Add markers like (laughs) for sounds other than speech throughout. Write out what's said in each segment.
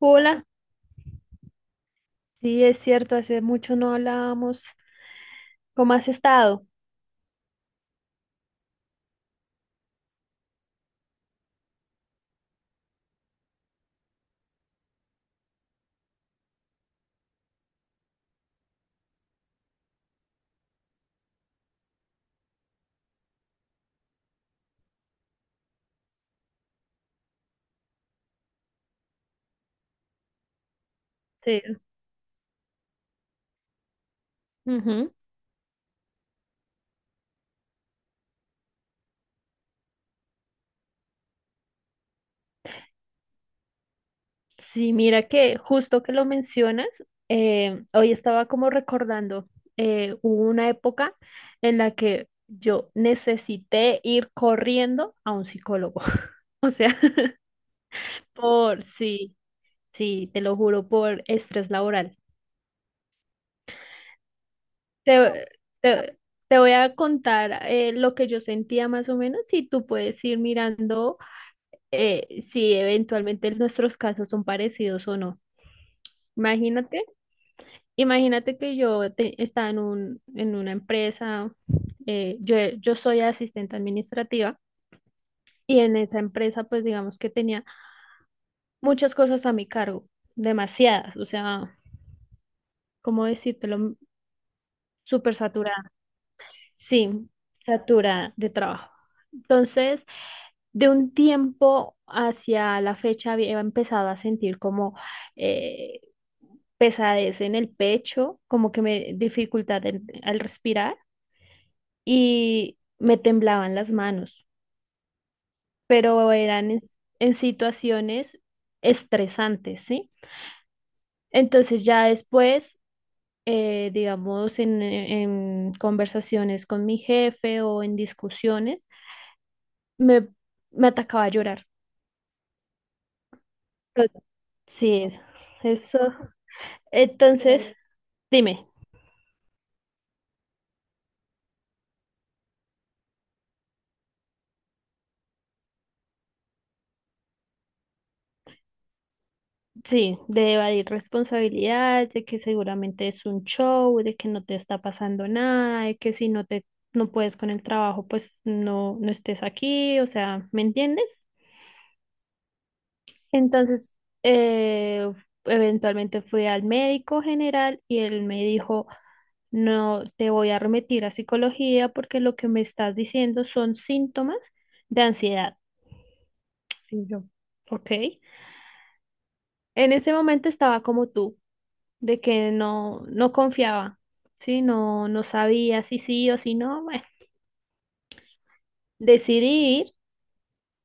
Hola, sí, es cierto, hace mucho no hablábamos. ¿Cómo has estado? Sí. Ujú. Sí, mira que justo que lo mencionas, hoy estaba como recordando, hubo una época en la que yo necesité ir corriendo a un psicólogo. (laughs) O sea, (laughs) sí, sí, te lo juro, por estrés laboral. Te, te- Te voy a contar lo que yo sentía más o menos y tú puedes ir mirando, si eventualmente nuestros casos son parecidos o no. Imagínate, estaba en en una empresa, yo soy asistente administrativa y en esa empresa pues digamos que tenía muchas cosas a mi cargo, demasiadas, o sea, ¿cómo decírtelo? Súper. Sí, saturada de trabajo. Entonces, de un tiempo hacia la fecha había empezado a sentir como, eh, pesadez en el pecho, como que me dificultad al respirar y me temblaban las manos, pero eran en situaciones estresantes, ¿sí? Entonces ya después, digamos, en conversaciones con mi jefe o en discusiones, me, me atacaba a llorar. Pero- Sí, eso. Entonces, dime, sí, de evadir responsabilidad, de que seguramente es un show, de que no te está pasando nada, de que no puedes con el trabajo, pues no, no estés aquí, o sea, ¿me entiendes? Entonces, eh, eventualmente fui al médico general y él me dijo, no te voy a remitir a psicología porque lo que me estás diciendo son síntomas de ansiedad. Y yo, ok. En ese momento estaba como tú, de que no, no confiaba, ¿sí? No, no sabía si sí o si no. Bueno, decidí ir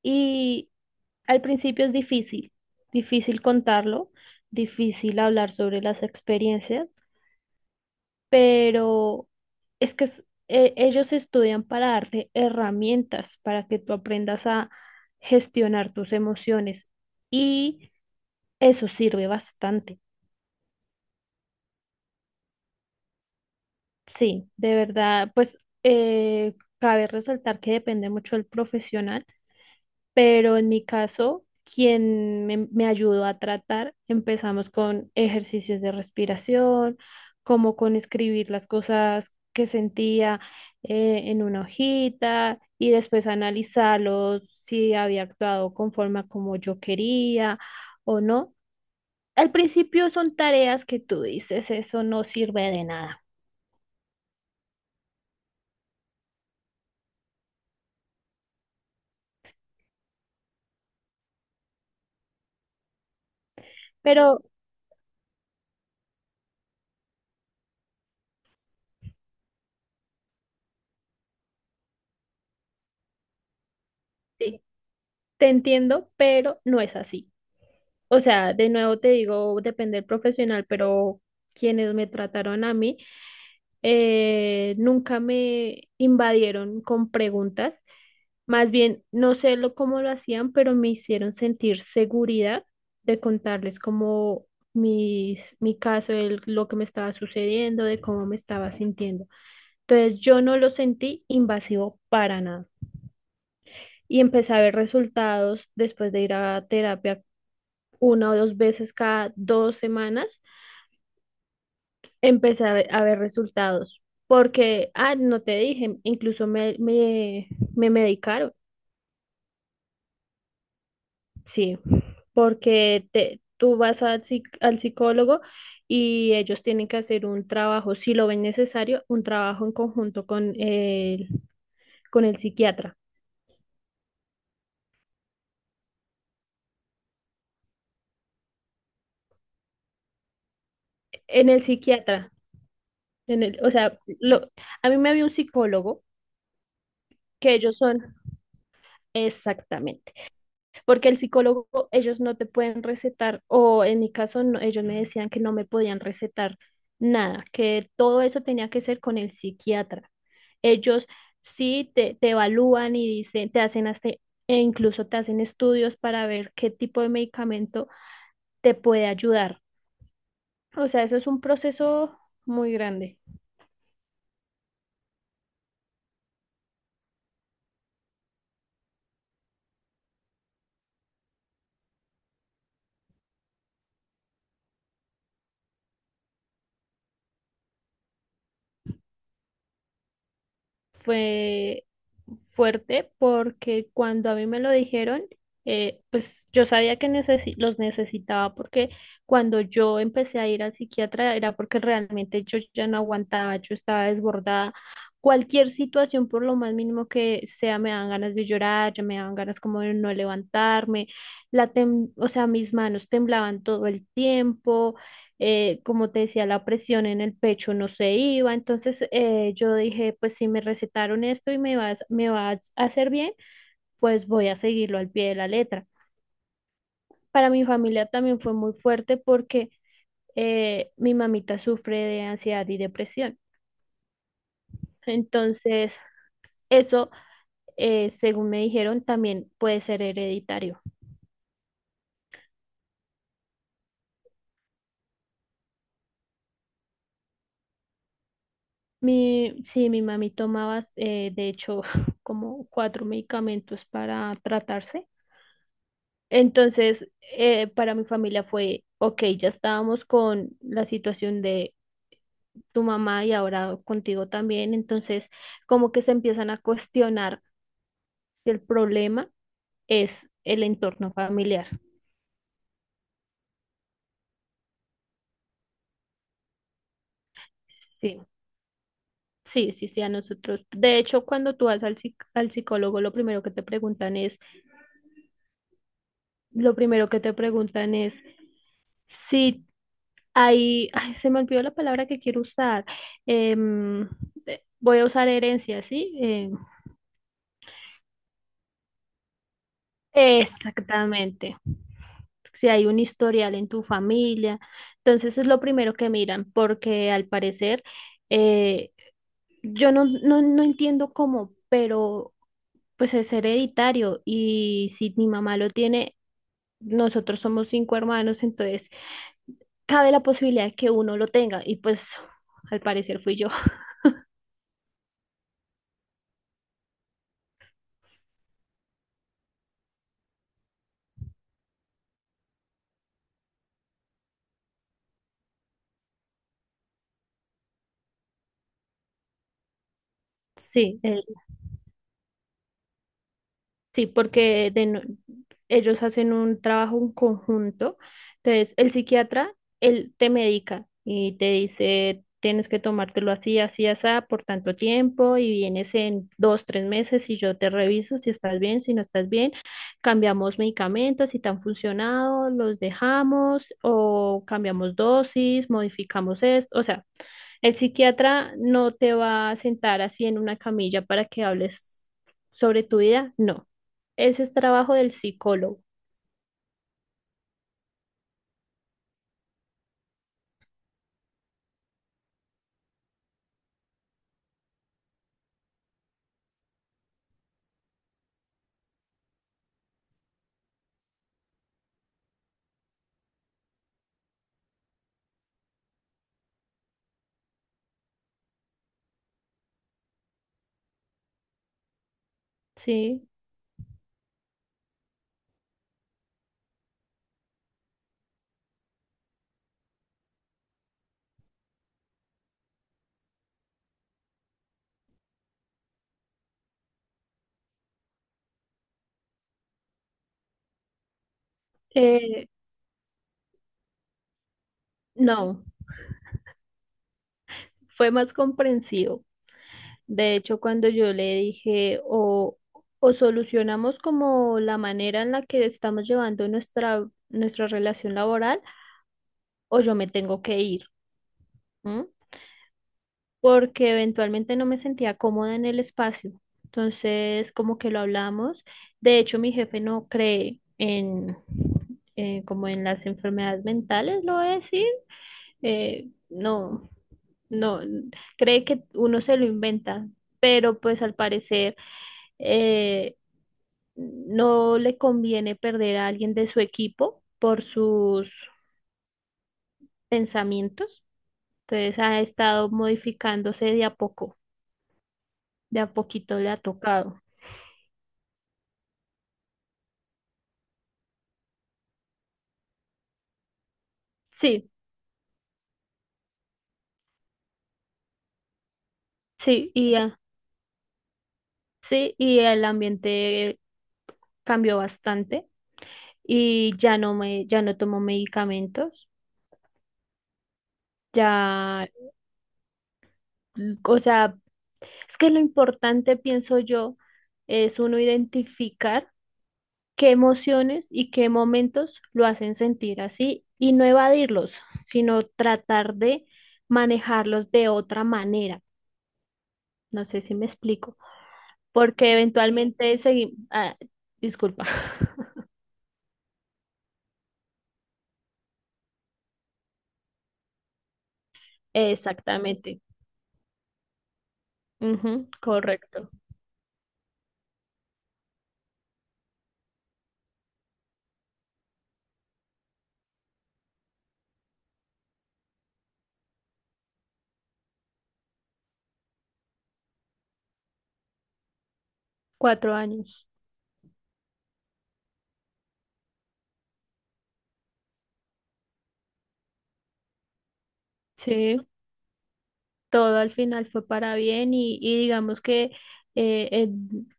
y al principio es difícil, difícil contarlo, difícil hablar sobre las experiencias, pero es que ellos estudian para darte herramientas para que tú aprendas a gestionar tus emociones y eso sirve bastante. Sí, de verdad, pues eh, cabe resaltar que depende mucho del profesional, pero en mi caso, quien me ayudó a tratar, empezamos con ejercicios de respiración, como con escribir las cosas que sentía, en una hojita y después analizarlos si había actuado conforme a como yo quería o no. Al principio son tareas que tú dices, eso no sirve de nada, pero sí, te entiendo, pero no es así. O sea, de nuevo te digo, depende del profesional, pero quienes me trataron a mí, nunca me invadieron con preguntas. Más bien, no sé lo, cómo lo hacían, pero me hicieron sentir seguridad de contarles como mi caso, lo que me estaba sucediendo, de cómo me estaba sintiendo. Entonces, yo no lo sentí invasivo para nada. Y empecé a ver resultados después de ir a terapia una o dos veces cada dos semanas. Empecé a a ver resultados. Porque, ah, no te dije, incluso me medicaron, sí, porque tú vas al, al psicólogo y ellos tienen que hacer un trabajo, si lo ven necesario, un trabajo en conjunto con con el psiquiatra. En el psiquiatra, en el, o sea, lo, a mí me había un psicólogo que ellos son, exactamente. Porque el psicólogo, ellos no te pueden recetar, o en mi caso, ellos me decían que no me podían recetar nada, que todo eso tenía que ser con el psiquiatra. Ellos sí te evalúan y dicen, te hacen hasta, e incluso te hacen estudios para ver qué tipo de medicamento te puede ayudar. O sea, eso es un proceso muy grande. Fue fuerte porque cuando a mí me lo dijeron, pues yo sabía que los necesitaba porque cuando yo empecé a ir al psiquiatra era porque realmente yo ya no aguantaba, yo estaba desbordada. Cualquier situación, por lo más mínimo que sea, me dan ganas de llorar, ya me dan ganas como de no levantarme, o sea, mis manos temblaban todo el tiempo, como te decía, la presión en el pecho no se iba, entonces yo dije, pues si me recetaron esto y me va a hacer bien, pues voy a seguirlo al pie de la letra. Para mi familia también fue muy fuerte porque, mi mamita sufre de ansiedad y depresión, entonces eso, según me dijeron, también puede ser hereditario. Sí, mi mami tomaba, de hecho, (laughs) como cuatro medicamentos para tratarse. Entonces, para mi familia fue, ok, ya estábamos con la situación de tu mamá y ahora contigo también, entonces como que se empiezan a cuestionar si el problema es el entorno familiar. Sí, sí, sí, sí, a nosotros. De hecho, cuando tú vas al, al psicólogo, lo primero que te preguntan es si hay, ay, se me olvidó la palabra que quiero usar. em, voy a usar herencia, ¿sí? Em, exactamente. Si hay un historial en tu familia, entonces es lo primero que miran, porque al parecer, eh, yo no entiendo cómo, pero pues es hereditario y si mi mamá lo tiene, nosotros somos cinco hermanos, entonces cabe la posibilidad de que uno lo tenga y pues al parecer fui yo. (laughs) Sí, sí, porque de no- ellos hacen un trabajo en conjunto. Entonces, el psiquiatra, él te medica y te dice, tienes que tomártelo así, así, así, por tanto tiempo y vienes en dos, tres meses y yo te reviso si estás bien, si no estás bien. Cambiamos medicamentos, si te han funcionado, los dejamos o cambiamos dosis, modificamos esto. O sea, el psiquiatra no te va a sentar así en una camilla para que hables sobre tu vida, no. Ese es trabajo del psicólogo, ¿sí? Eh, no, fue más comprensivo. De hecho, cuando yo le dije, o solucionamos como la manera en la que estamos llevando nuestra relación laboral, o yo me tengo que ir, ¿m? Porque eventualmente no me sentía cómoda en el espacio. Entonces, como que lo hablamos. De hecho, mi jefe no cree en, como en las enfermedades mentales, lo voy a decir, no, no, n- cree que uno se lo inventa, pero pues al parecer, eh, no le conviene perder a alguien de su equipo por sus pensamientos, entonces ha estado modificándose de a poco, de a poquito le ha tocado. Sí, sí, y, ah, sí, y el ambiente cambió bastante y ya no me, ya no tomo medicamentos, ya, o sea, es que lo importante, pienso yo, es uno identificar qué emociones y qué momentos lo hacen sentir así y no evadirlos, sino tratar de manejarlos de otra manera. No sé si me explico, porque eventualmente seguimos... Ah, disculpa. (laughs) Exactamente. Ujú, correcto. Cuatro años. Sí, todo al final fue para bien y digamos que, eh, en,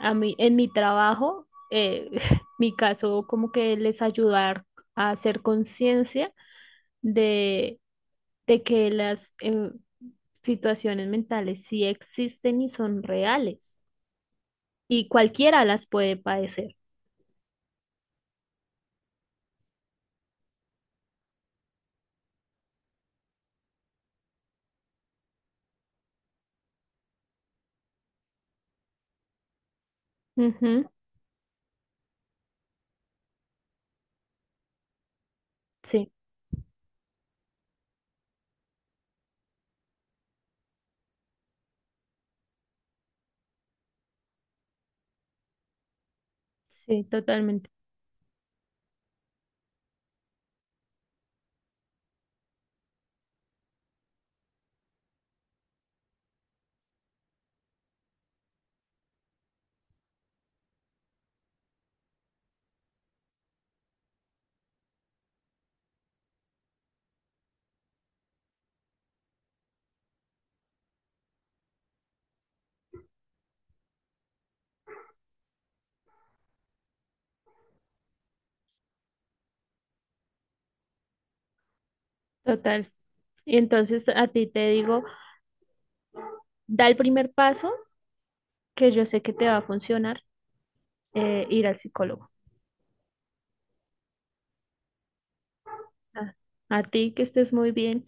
a mí, en mi trabajo, (laughs) mi caso como que les ayudar a hacer conciencia de, de que las situaciones mentales sí existen y son reales y cualquiera las puede padecer. Ujú, sí, sí, totalmente, total. Y entonces a ti te digo, da el primer paso que yo sé que te va a funcionar, ir al psicólogo. A, a ti que estés muy bien.